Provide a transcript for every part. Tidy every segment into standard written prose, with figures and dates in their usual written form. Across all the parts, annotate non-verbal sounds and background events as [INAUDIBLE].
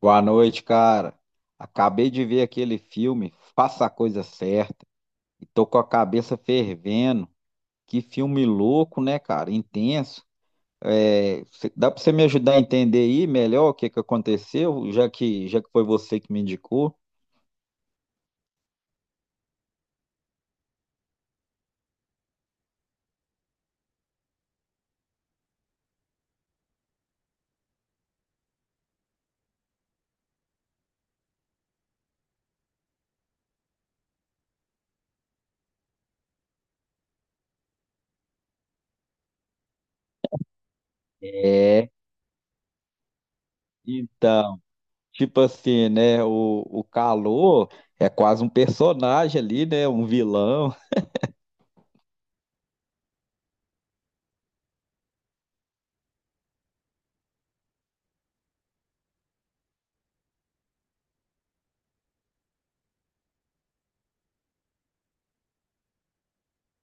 Boa noite, cara. Acabei de ver aquele filme, Faça a Coisa Certa, e tô com a cabeça fervendo. Que filme louco, né, cara? Intenso. Dá pra você me ajudar a entender aí melhor o que que aconteceu, já que foi você que me indicou? É, então, tipo assim, né? O calor é quase um personagem ali, né? Um vilão.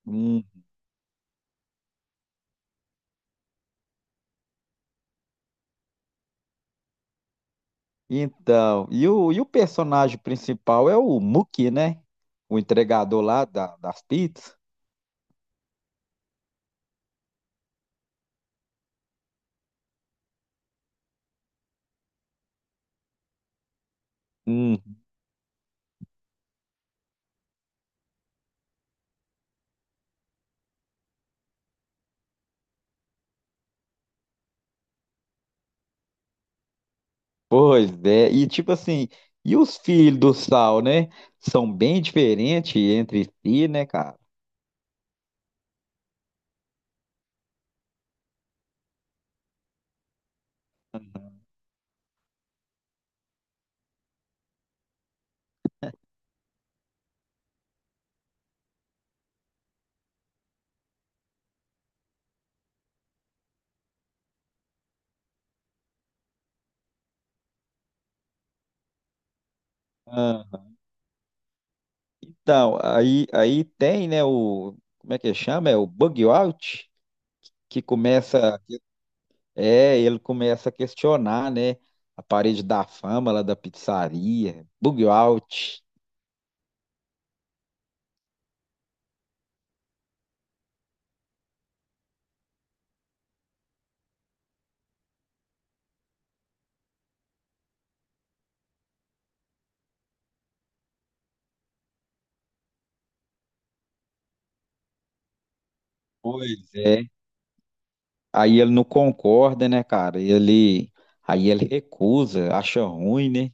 Um. Então, e o personagem principal é o Muki, né? O entregador lá das pizzas. Hum, pois é. E tipo assim, e os filhos do Sal, né? São bem diferentes entre si, né, cara? Ah, então, aí tem, né, o, como é que chama? É o Bug Out, que começa, é, ele começa a questionar, né, a parede da fama lá da pizzaria, Bug Out. Pois é. Aí ele não concorda, né, cara? E ele, aí ele recusa, acha ruim, né?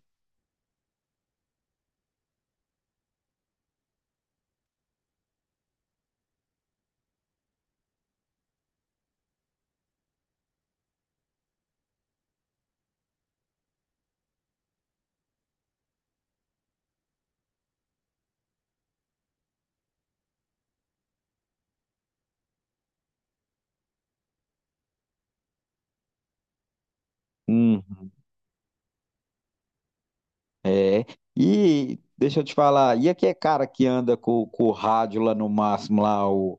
Hum. É. E deixa eu te falar, e aquele cara que anda com o rádio lá no máximo, lá,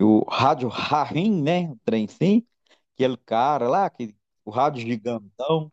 o rádio Rarim, né? O trem sim, aquele cara lá, que, o rádio gigantão.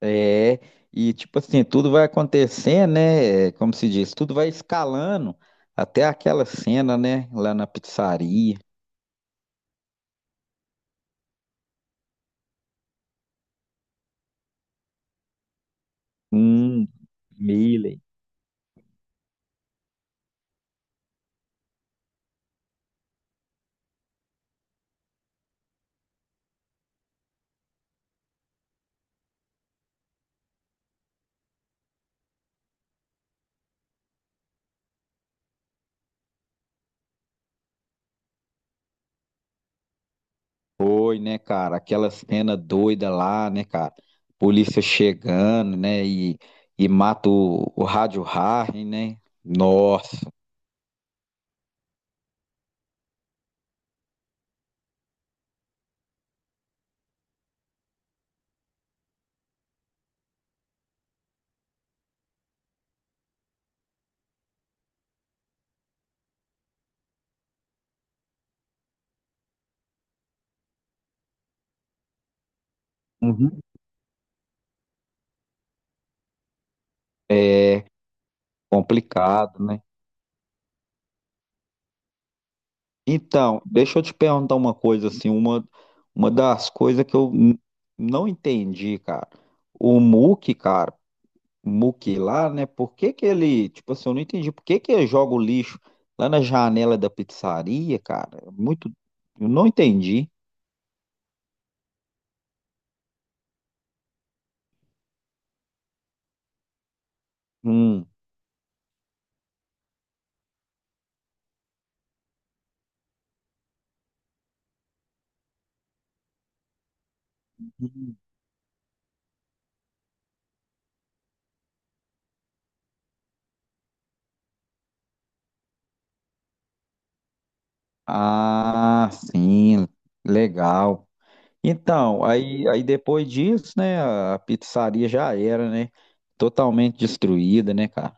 É. E tipo assim, tudo vai acontecendo, né? Como se diz, tudo vai escalando até aquela cena, né? Lá na pizzaria. Hum, Miller. Foi, né, cara? Aquela cena doida lá, né, cara? Polícia chegando, né? E mata o Rádio Harry, né? Nossa. Uhum. É complicado, né? Então, deixa eu te perguntar uma coisa, assim, uma das coisas que não entendi, cara. O Mookie, cara, o Mookie lá, né? Por que que ele, tipo assim, eu não entendi por que que ele joga o lixo lá na janela da pizzaria, cara? É muito, eu não entendi. Hum. Hum. Ah, sim, legal. Então, aí depois disso, né, a pizzaria já era, né, totalmente destruída, né, cara?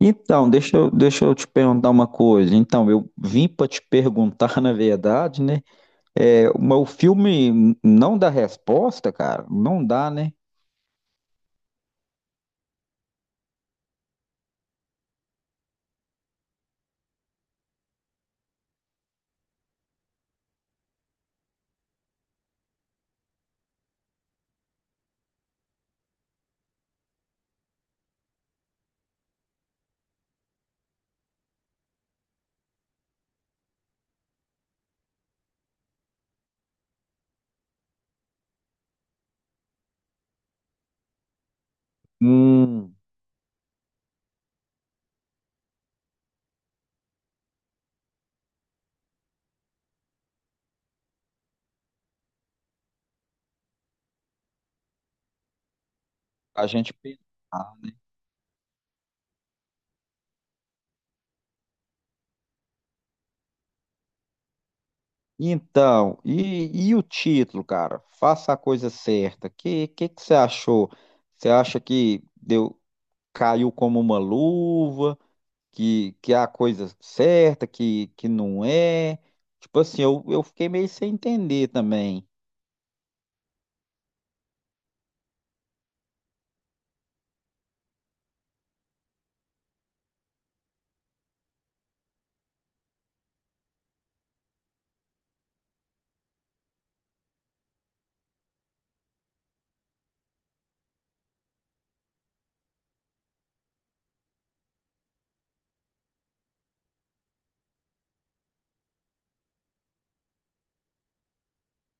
Então, deixa eu te perguntar uma coisa. Então, eu vim para te perguntar, [LAUGHS] na verdade, né, é, mas o filme não dá resposta, cara? Não dá, né? Hum, a gente pensar. Então, e o título, cara? Faça a coisa certa. Que que você achou? Você acha que deu caiu como uma luva? Que é a coisa certa? Que não é? Tipo assim, eu fiquei meio sem entender também.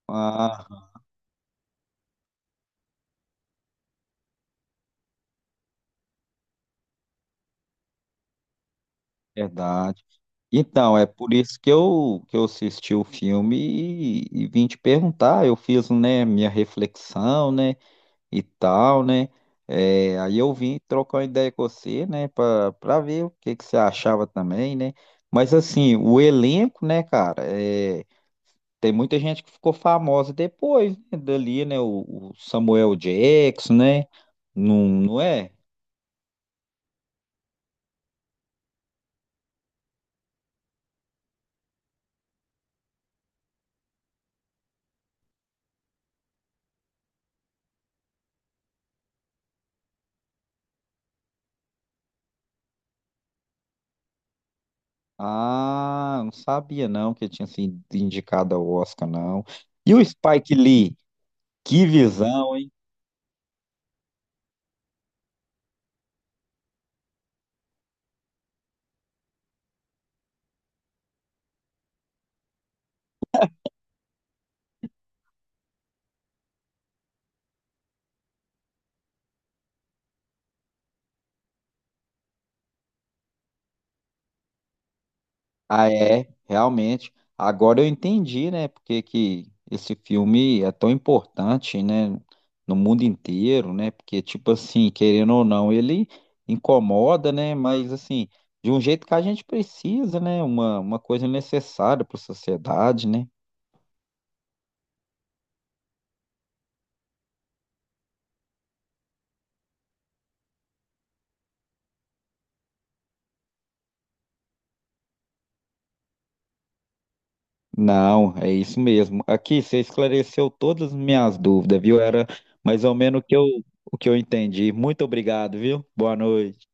Ah, verdade. Então, é por isso que eu assisti o filme e vim te perguntar. Eu fiz, né, minha reflexão, né? E tal, né? É, aí eu vim trocar uma ideia com você, né, para ver o que que você achava também, né? Mas assim, o elenco, né, cara, é, tem muita gente que ficou famosa depois, né, dali, né? O Samuel Jackson, né? Não, não é? Ah, não sabia não que ele tinha sido indicado ao Oscar, não. E o Spike Lee, que visão! Ah, é, realmente. Agora eu entendi, né, porque que esse filme é tão importante, né, no mundo inteiro, né, porque, tipo assim, querendo ou não, ele incomoda, né, mas, assim, de um jeito que a gente precisa, né, uma coisa necessária para a sociedade, né. Não, é isso mesmo. Aqui, você esclareceu todas as minhas dúvidas, viu? Era mais ou menos o que eu entendi. Muito obrigado, viu? Boa noite.